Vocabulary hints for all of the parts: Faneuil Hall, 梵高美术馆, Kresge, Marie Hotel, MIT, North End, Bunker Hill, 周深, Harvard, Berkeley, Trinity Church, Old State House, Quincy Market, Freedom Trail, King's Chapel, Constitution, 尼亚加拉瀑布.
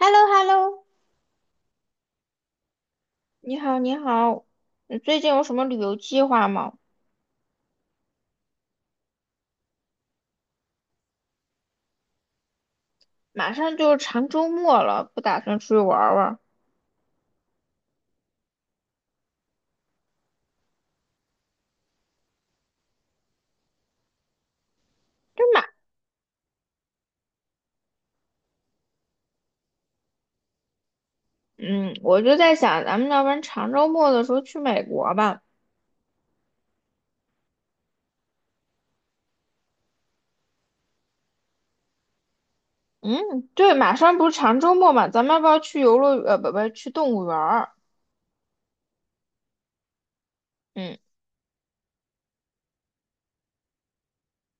h e l l o h e l l o 你好，你好，你最近有什么旅游计划吗？马上就是长周末了，不打算出去玩儿玩儿。嗯，我就在想，咱们要不然长周末的时候去美国吧。嗯，对，马上不是长周末嘛，咱们要不要去游乐园？不不，去动物园儿。嗯，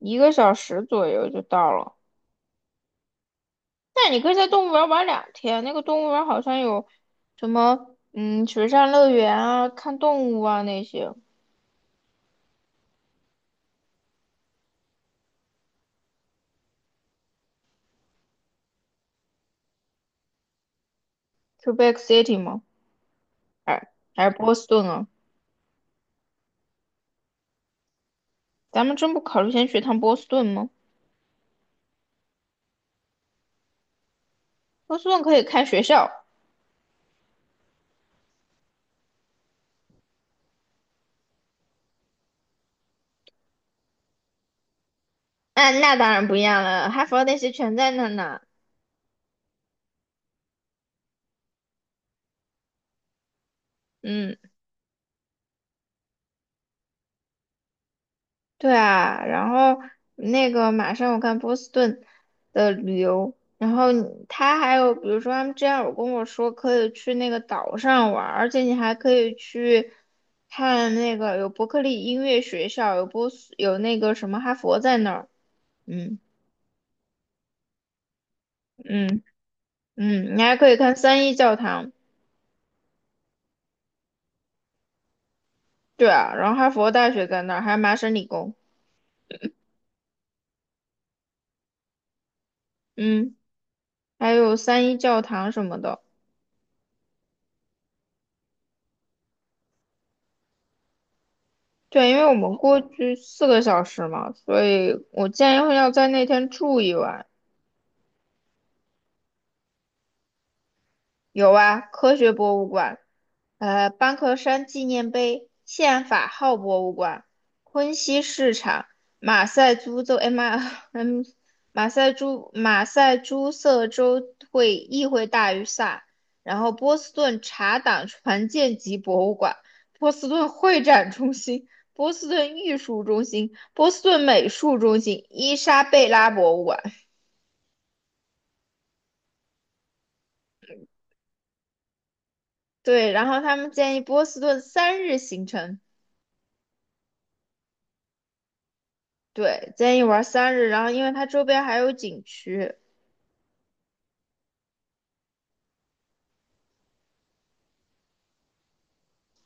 1个小时左右就到了。那你可以在动物园儿玩2天，那个动物园儿好像有什么，嗯，水上乐园啊，看动物啊那些。q u e b e c City 吗？还是波士顿啊？咱们真不考虑先去趟波士顿吗？波士顿可以看学校，嗯，那当然不一样了，哈佛那些全在那呢。嗯，对啊，然后那个马上我看波士顿的旅游，然后你他还有比如说他们之前有跟我说可以去那个岛上玩儿，而且你还可以去看那个有伯克利音乐学校，有波斯有那个什么哈佛在那儿，嗯嗯嗯，你还可以看三一教堂。对啊，然后哈佛大学在那儿，还有麻省理工，嗯，还有三一教堂什么的。对，因为我们过去四个小时嘛，所以我建议要在那天住1晚。有啊，科学博物馆，班克山纪念碑、宪法号博物馆、昆西市场、马赛诸州，哎马，嗯，马赛诸塞州会议会大于萨，然后波士顿茶党船舰级博物馆、波士顿会展中心、波士顿艺术中心、波士顿美术中心、伊莎贝拉博物馆。对，然后他们建议波士顿三日行程。对，建议玩三日，然后因为它周边还有景区，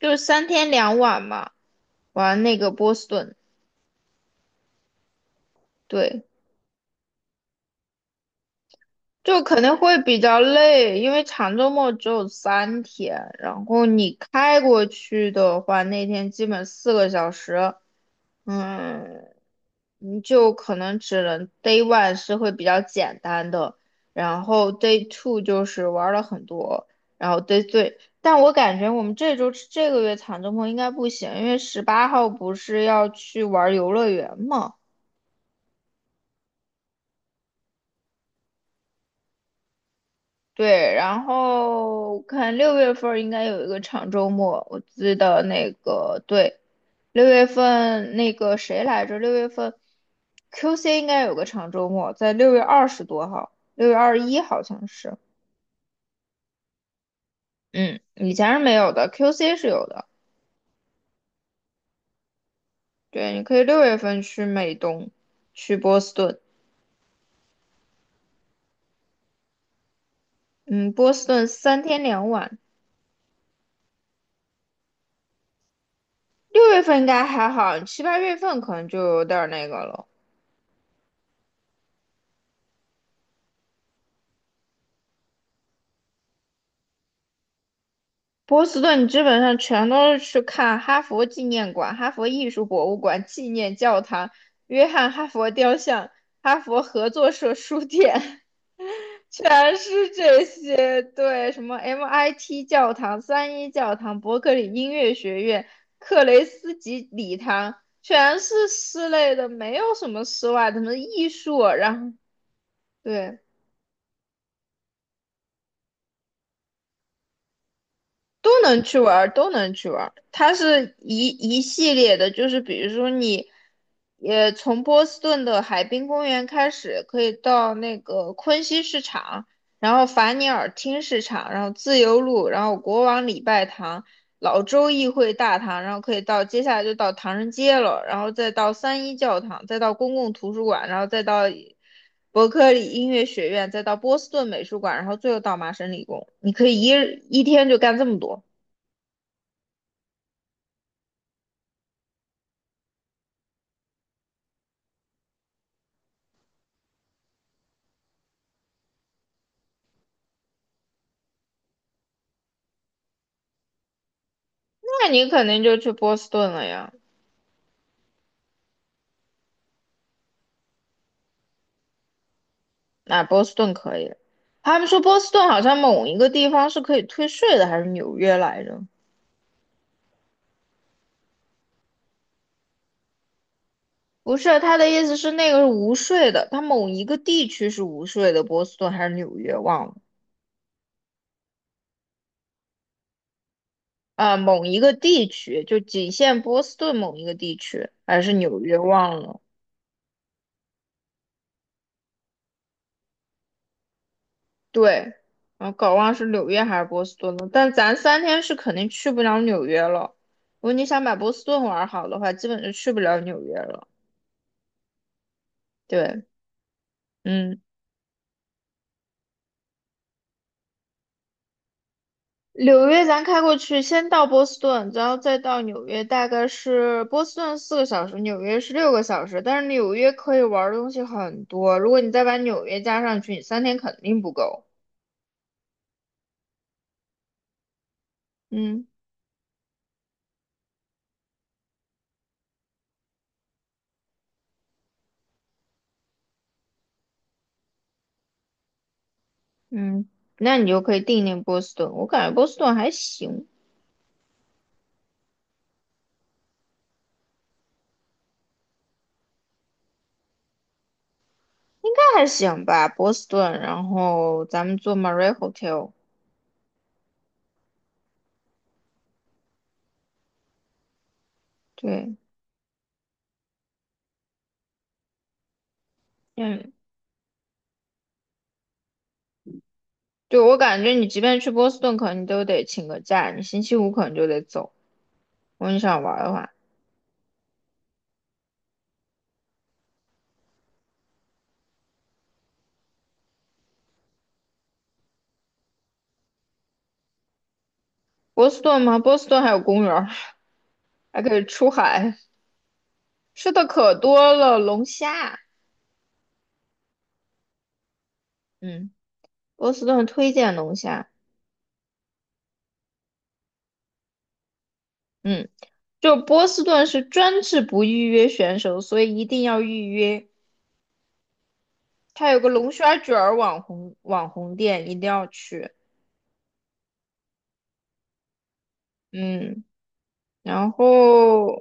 就是三天两晚嘛，玩那个波士顿。对，就肯定会比较累，因为长周末只有三天，然后你开过去的话，那天基本四个小时，嗯，你就可能只能 day one 是会比较简单的，然后 day two 就是玩了很多，然后 day three，但我感觉我们这周这个月长周末应该不行，因为18号不是要去玩游乐园嘛。对，然后看六月份儿应该有一个长周末，我记得那个对，六月份那个谁来着？六月份 QC 应该有个长周末，在6月20多号，6月21好像是，嗯，以前是没有的，QC 是有的。对，你可以六月份去美东，去波士顿，嗯，波士顿三天两晚。六月份应该还好，七八月份可能就有点儿那个了。波士顿基本上全都是去看哈佛纪念馆、哈佛艺术博物馆、纪念教堂、约翰·哈佛雕像、哈佛合作社书店，全是这些。对，什么 MIT 教堂、三一教堂、伯克利音乐学院、克雷斯吉礼堂，全是室内的，没有什么室外的，什么艺术啊，然后对。都能去玩儿，都能去玩儿。它是一系列的，就是比如说你，也从波士顿的海滨公园开始，可以到那个昆西市场，然后法尼尔厅市场，然后自由路，然后国王礼拜堂、老州议会大堂，然后可以到接下来就到唐人街了，然后再到三一教堂，再到公共图书馆，然后再到伯克利音乐学院，再到波士顿美术馆，然后最后到麻省理工。你可以一日一天就干这么多。那你肯定就去波士顿了呀。那、波士顿可以。他们说波士顿好像某一个地方是可以退税的，还是纽约来着？不是，他的意思是那个是无税的，他某一个地区是无税的，波士顿还是纽约忘了。啊，某一个地区就仅限波士顿某一个地区，还是纽约忘了。对，啊搞忘是纽约还是波士顿了。但咱三天是肯定去不了纽约了。如果你想把波士顿玩好的话，基本就去不了纽约了。对。嗯纽约咱开过去，先到波士顿，然后再到纽约，大概是波士顿四个小时，纽约是6个小时。但是纽约可以玩儿的东西很多，如果你再把纽约加上去，你三天肯定不够。嗯嗯，那你就可以定波士顿。我感觉波士顿还行，那还行吧，波士顿。然后咱们做 Marie Hotel，对，嗯，对，我感觉你即便去波士顿，可能你都得请个假，你星期五可能就得走。如果你想玩儿的话。波士顿吗？波士顿还有公园儿，还可以出海，吃的可多了，龙虾。嗯，波士顿推荐龙虾。嗯，就波士顿是专治不预约选手，所以一定要预约。它有个龙虾卷儿网红店，一定要去。嗯，然后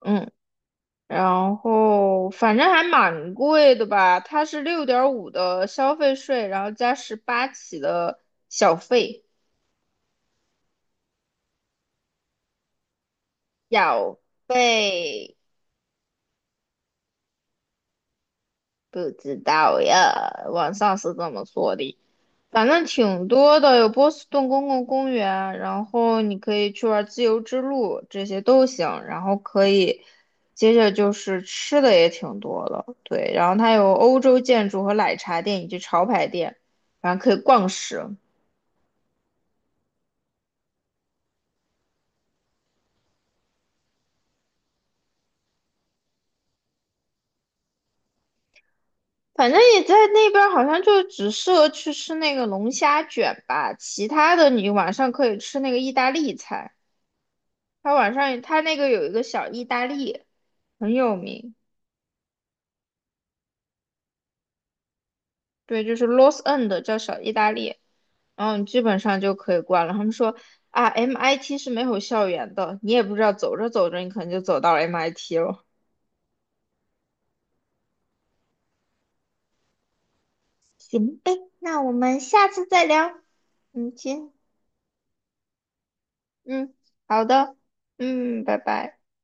嗯，然后反正还蛮贵的吧？它是6.5的消费税，然后加十八起的小费，小费。不知道呀，网上是这么说的，反正挺多的，有波士顿公共公园，然后你可以去玩自由之路，这些都行。然后可以，接着就是吃的也挺多的，对。然后它有欧洲建筑和奶茶店以及潮牌店，反正可以逛食。反正也在那边，好像就只适合去吃那个龙虾卷吧，其他的你晚上可以吃那个意大利菜。它晚上它那个有一个小意大利。很有名，对，就是 Los End 叫小意大利，然后你基本上就可以逛了。他们说啊，MIT 是没有校园的，你也不知道，走着走着你可能就走到 MIT 了。行呗，那我们下次再聊。嗯，行，嗯，好的，嗯，拜拜。